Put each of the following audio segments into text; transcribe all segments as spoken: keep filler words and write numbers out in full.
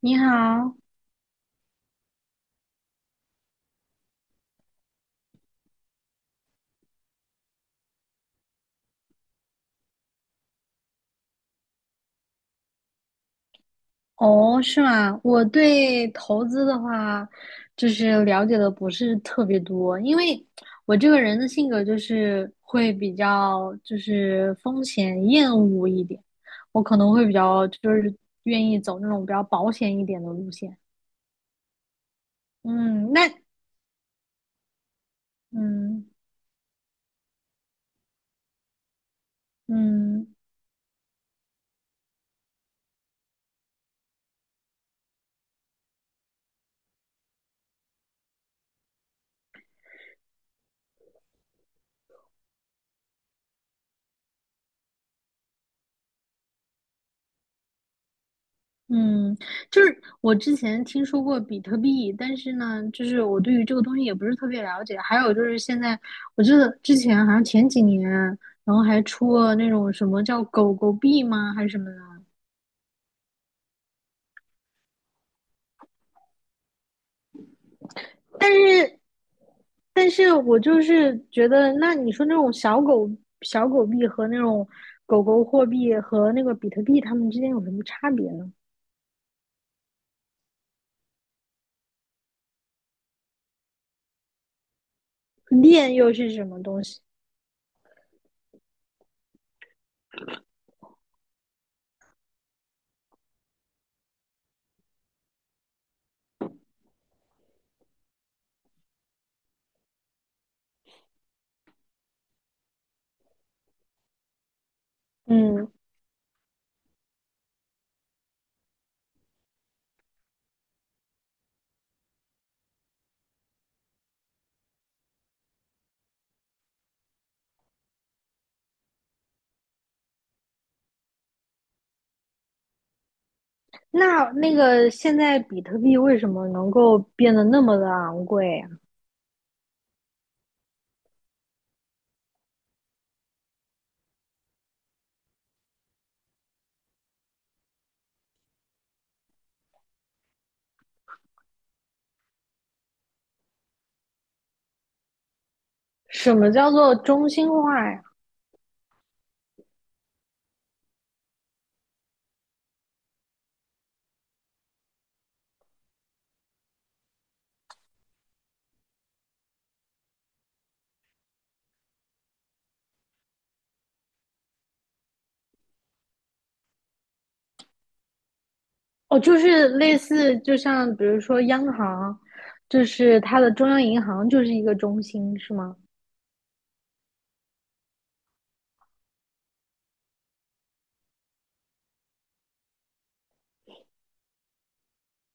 你好，哦，是吗？我对投资的话，就是了解的不是特别多，因为我这个人的性格就是会比较就是风险厌恶一点，我可能会比较就是愿意走那种比较保险一点的路线。嗯，那嗯嗯。嗯，就是我之前听说过比特币，但是呢，就是我对于这个东西也不是特别了解。还有就是现在，我记得之前好像前几年，然后还出了那种什么叫狗狗币吗，还是什么的。但是，但是我就是觉得，那你说那种小狗小狗币和那种狗狗货币和那个比特币，它们之间有什么差别呢？链又是什么东西？嗯，那那个现在比特币为什么能够变得那么的昂贵啊？什么叫做中心化呀？哦，就是类似，就像比如说央行，就是它的中央银行就是一个中心，是吗？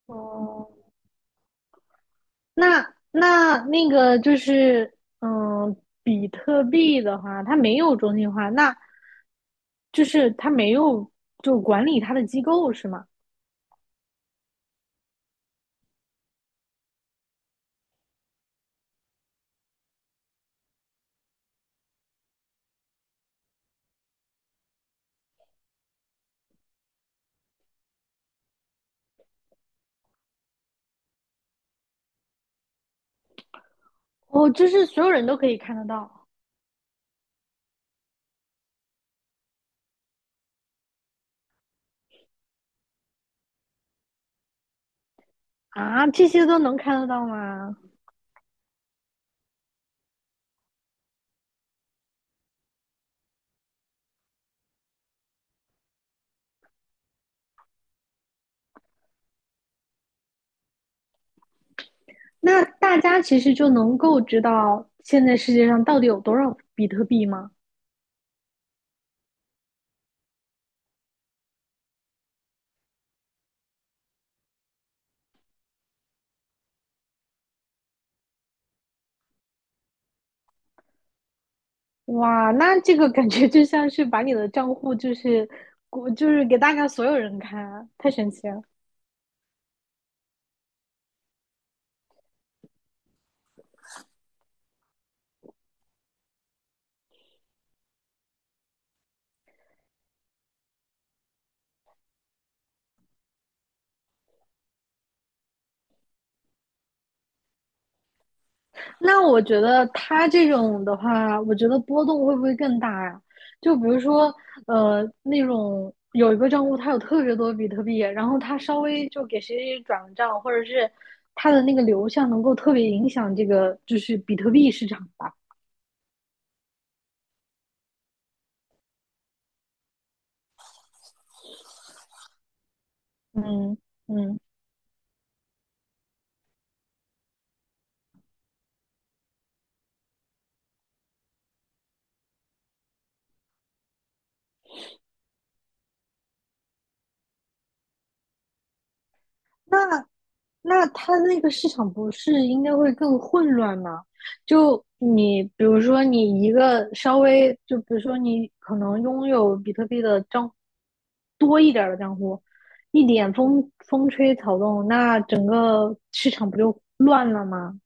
哦，那那那个就是，嗯，比特币的话，它没有中心化，那就是它没有就管理它的机构，是吗？哦，就是所有人都可以看得到啊，这些都能看得到吗？那大家其实就能够知道现在世界上到底有多少比特币吗？哇，那这个感觉就像是把你的账户就是我就是给大家所有人看，太神奇了。那我觉得它这种的话，我觉得波动会不会更大呀？就比如说，呃，那种有一个账户它有特别多比特币，然后它稍微就给谁谁谁转个账，或者是它的那个流向能够特别影响这个就是比特币市场吧。嗯嗯。那那它那个市场不是应该会更混乱吗？就你比如说你一个稍微就比如说你可能拥有比特币的账多一点儿的账户，一点风风吹草动，那整个市场不就乱了吗？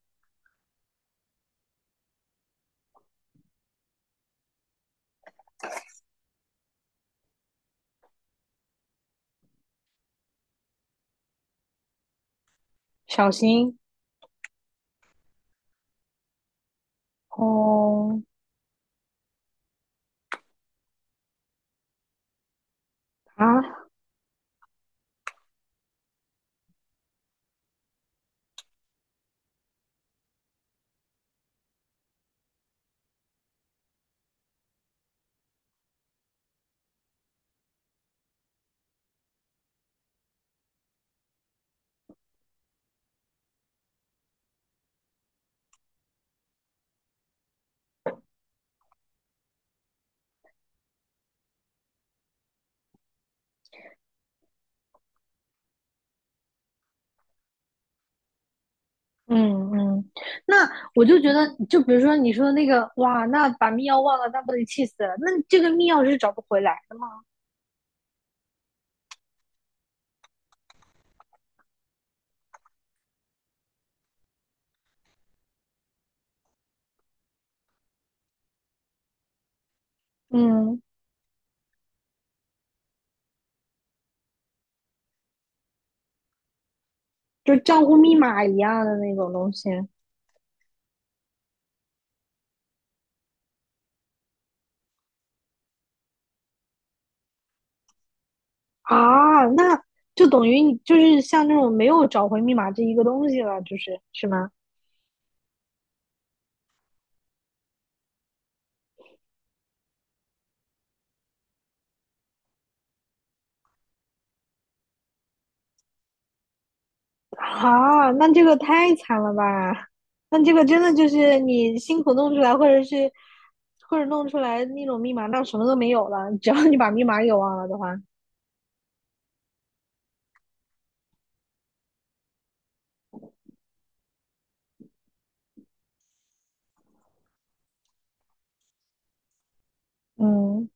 小心哦啊嗯嗯，那我就觉得，就比如说你说的那个哇，那把密钥忘了，那不得气死了？那这个密钥是找不回来的吗？嗯。就账户密码一样的那种东西啊，那就等于你就是像那种没有找回密码这一个东西了，就是是吗？啊，那这个太惨了吧？那这个真的就是你辛苦弄出来，或者是或者弄出来那种密码，那什么都没有了，只要你把密码给忘了的话，嗯。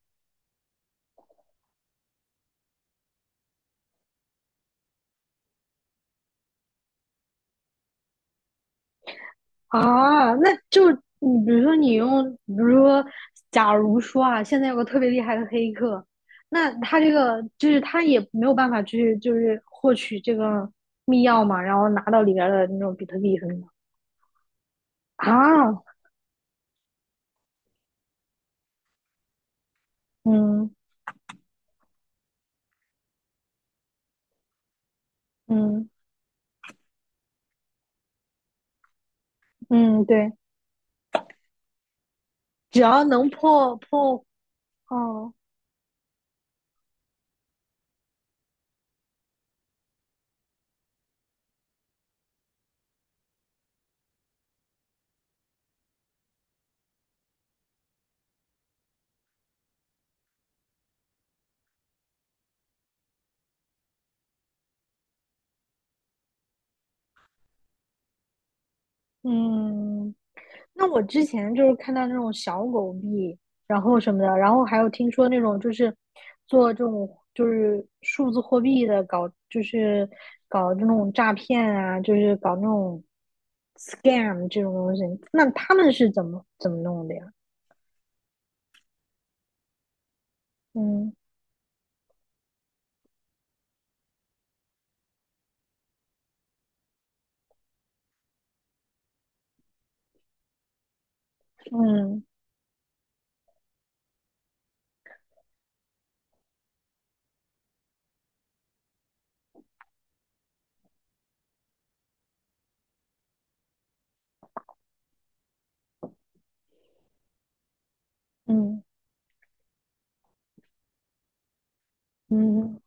啊，那就你比如说你用，比如说，假如说啊，现在有个特别厉害的黑客，那他这个就是他也没有办法去就是获取这个密钥嘛，然后拿到里边儿的那种比特币什么的啊，嗯嗯嗯，对，只要能破破，哦嗯，那我之前就是看到那种小狗币，然后什么的，然后还有听说那种就是做这种就是数字货币的搞，就是搞这种诈骗啊，就是搞那种 scam 这种东西，那他们是怎么怎么弄的呀？嗯嗯嗯嗯，嗯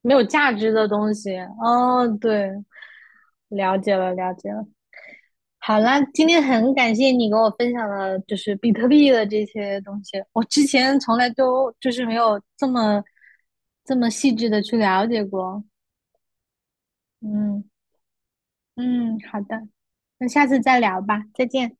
没有价值的东西。哦，对，了解了，了解了。好啦，今天很感谢你给我分享了，就是比特币的这些东西。我之前从来都就是没有这么这么细致的去了解过。嗯嗯，好的，那下次再聊吧，再见。